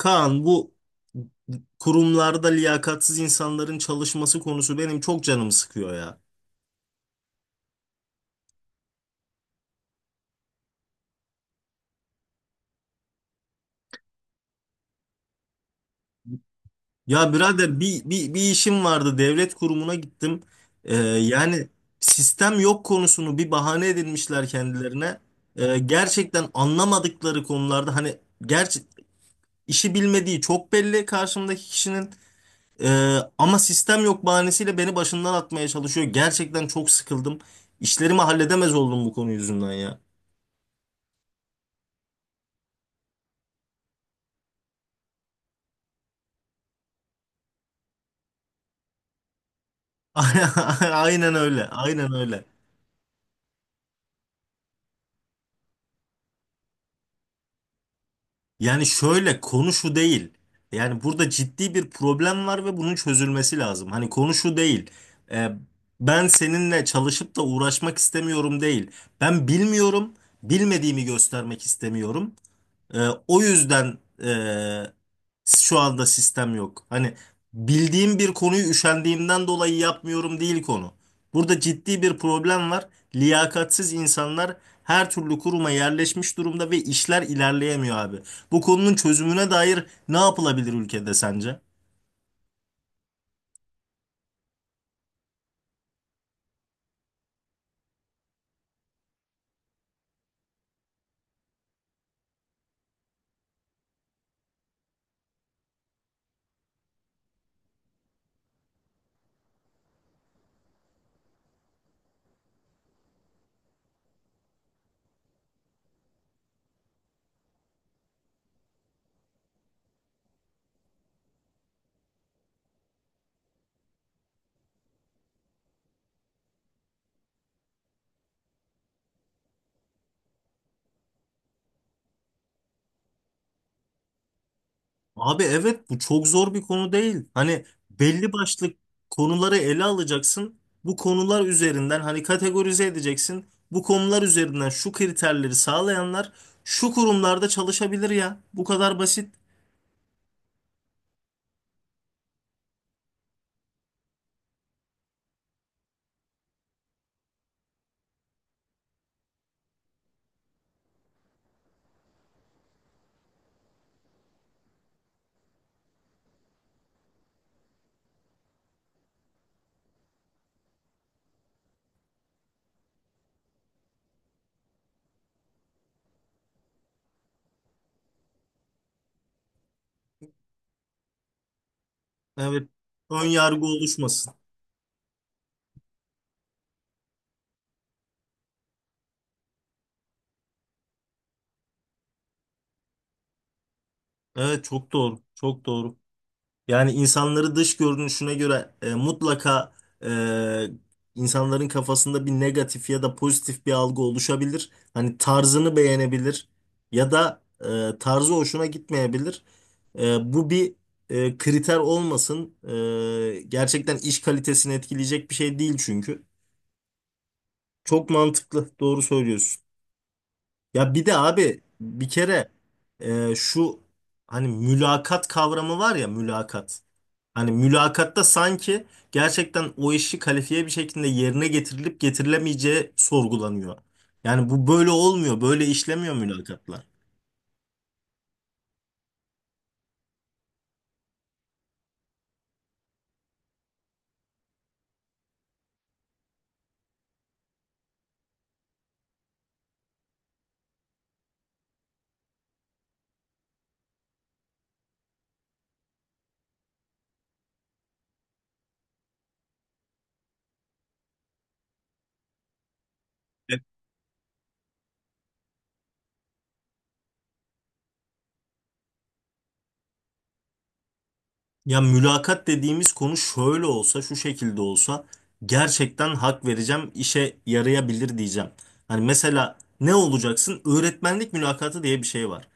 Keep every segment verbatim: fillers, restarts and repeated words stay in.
Kaan, bu kurumlarda liyakatsiz insanların çalışması konusu benim çok canımı sıkıyor ya. Ya birader bir, bir, bir işim vardı, devlet kurumuna gittim. Ee, yani sistem yok konusunu bir bahane edinmişler kendilerine. Ee, gerçekten anlamadıkları konularda, hani gerçi işi bilmediği çok belli karşımdaki kişinin. Ee, ama sistem yok bahanesiyle beni başından atmaya çalışıyor. Gerçekten çok sıkıldım. İşlerimi halledemez oldum bu konu yüzünden ya. Aynen öyle. Aynen öyle. Yani şöyle, konu şu değil. Yani burada ciddi bir problem var ve bunun çözülmesi lazım. Hani konu şu değil. Ee, Ben seninle çalışıp da uğraşmak istemiyorum değil. Ben bilmiyorum, bilmediğimi göstermek istemiyorum. Ee, o yüzden e, şu anda sistem yok. Hani bildiğim bir konuyu üşendiğimden dolayı yapmıyorum değil konu. Burada ciddi bir problem var. Liyakatsiz insanlar her türlü kuruma yerleşmiş durumda ve işler ilerleyemiyor abi. Bu konunun çözümüne dair ne yapılabilir ülkede sence? Abi evet, bu çok zor bir konu değil. Hani belli başlı konuları ele alacaksın. Bu konular üzerinden hani kategorize edeceksin. Bu konular üzerinden şu kriterleri sağlayanlar şu kurumlarda çalışabilir ya. Bu kadar basit. Evet. Ön yargı oluşmasın. Evet, çok doğru. Çok doğru. Yani insanları dış görünüşüne göre e, mutlaka e, insanların kafasında bir negatif ya da pozitif bir algı oluşabilir. Hani tarzını beğenebilir ya da e, tarzı hoşuna gitmeyebilir. E, bu bir e, kriter olmasın. E, gerçekten iş kalitesini etkileyecek bir şey değil çünkü. Çok mantıklı, doğru söylüyorsun. Ya bir de abi bir kere e, şu hani mülakat kavramı var ya, mülakat. Hani mülakatta sanki gerçekten o işi kalifiye bir şekilde yerine getirilip getirilemeyeceği sorgulanıyor. Yani bu böyle olmuyor, böyle işlemiyor mülakatlar. Evet. Ya mülakat dediğimiz konu şöyle olsa, şu şekilde olsa, gerçekten hak vereceğim, işe yarayabilir diyeceğim. Hani mesela ne olacaksın? Öğretmenlik mülakatı diye bir şey var.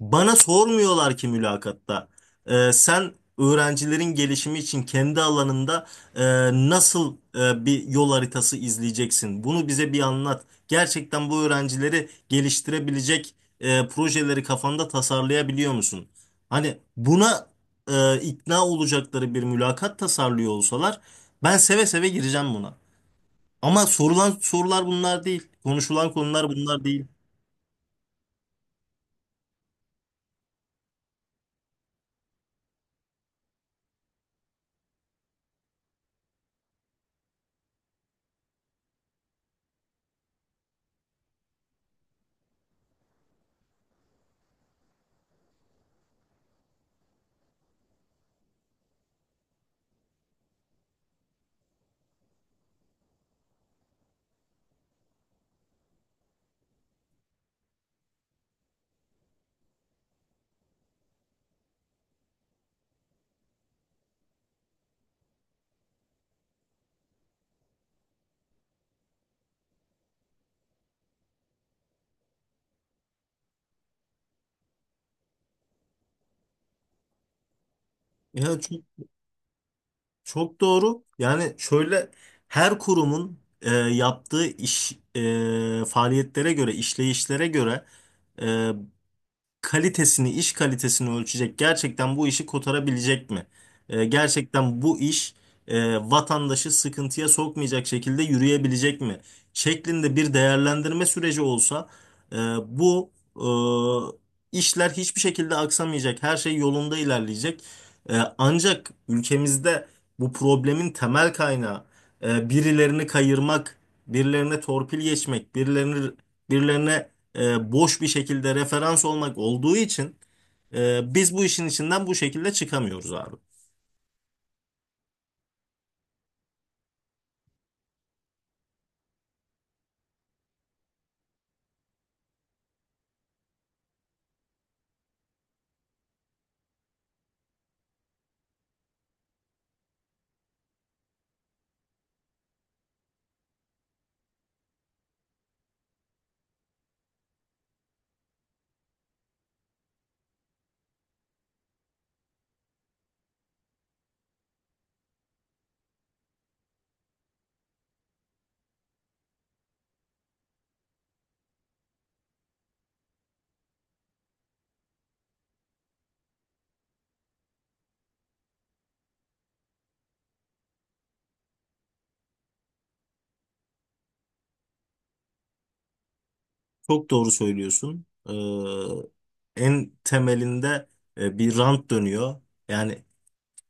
Bana sormuyorlar ki mülakatta. Ee, sen öğrencilerin gelişimi için kendi alanında e, nasıl e, bir yol haritası izleyeceksin? Bunu bize bir anlat. Gerçekten bu öğrencileri geliştirebilecek e, projeleri kafanda tasarlayabiliyor musun? Hani buna e, ikna olacakları bir mülakat tasarlıyor olsalar, ben seve seve gireceğim buna. Ama sorulan sorular bunlar değil. Konuşulan konular bunlar değil. Ya çok. Çok doğru. Yani şöyle, her kurumun e, yaptığı iş e, faaliyetlere göre, işleyişlere göre kalitesini, iş kalitesini ölçecek. Gerçekten bu işi kotarabilecek mi? E, gerçekten bu iş e, vatandaşı sıkıntıya sokmayacak şekilde yürüyebilecek mi? Şeklinde bir değerlendirme süreci olsa, e, bu e, işler hiçbir şekilde aksamayacak. Her şey yolunda ilerleyecek. E, ancak ülkemizde bu problemin temel kaynağı e, birilerini kayırmak, birilerine torpil geçmek, birilerini birilerine e, boş bir şekilde referans olmak olduğu için e, biz bu işin içinden bu şekilde çıkamıyoruz abi. Çok doğru söylüyorsun. E, en temelinde e, bir rant dönüyor. Yani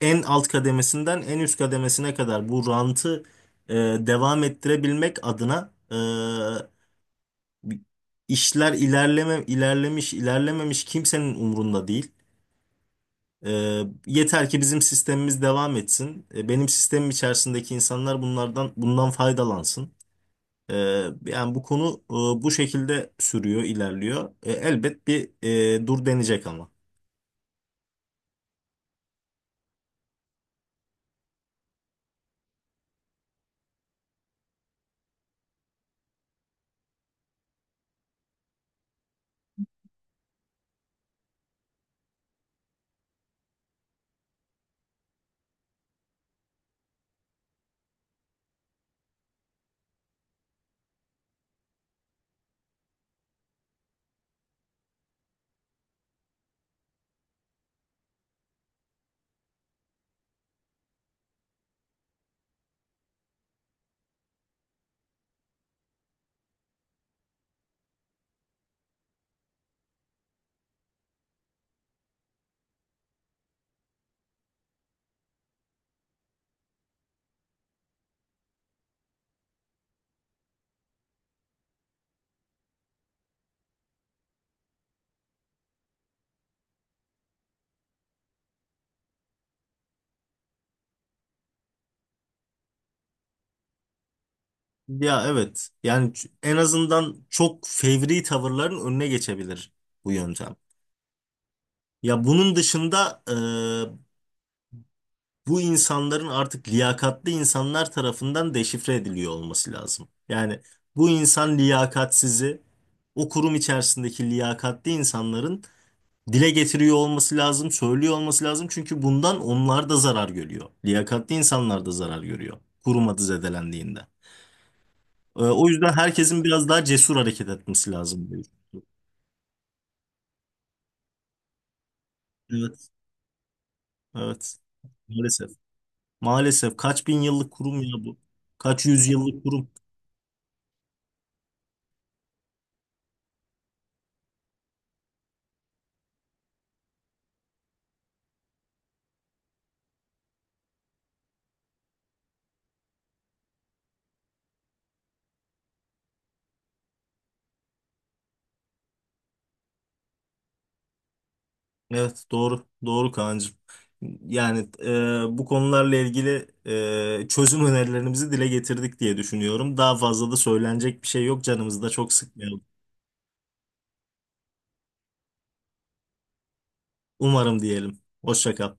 en alt kademesinden en üst kademesine kadar bu rantı e, devam ettirebilmek adına, e, işler ilerleme ilerlemiş ilerlememiş kimsenin umrunda değil. Ee, yeter ki bizim sistemimiz devam etsin. Ee, benim sistemim içerisindeki insanlar bunlardan bundan faydalansın. Ee, yani bu konu e, bu şekilde sürüyor, ilerliyor. E, elbet bir e, dur denecek ama. Ya evet. Yani ç- en azından çok fevri tavırların önüne geçebilir bu yöntem. Ya bunun dışında bu insanların artık liyakatli insanlar tarafından deşifre ediliyor olması lazım. Yani bu insan liyakatsizi, o kurum içerisindeki liyakatli insanların dile getiriyor olması lazım, söylüyor olması lazım. Çünkü bundan onlar da zarar görüyor. Liyakatli insanlar da zarar görüyor kurum adı zedelendiğinde. Ee, O yüzden herkesin biraz daha cesur hareket etmesi lazım, diyor. Evet, evet. Maalesef. Maalesef, kaç bin yıllık kurum ya bu? Kaç yüz yıllık kurum? Evet, doğru doğru Kaan'cığım. Yani e, bu konularla ilgili e, çözüm önerilerimizi dile getirdik diye düşünüyorum. Daha fazla da söylenecek bir şey yok, canımızı da çok sıkmayalım. Umarım diyelim. Hoşça kal.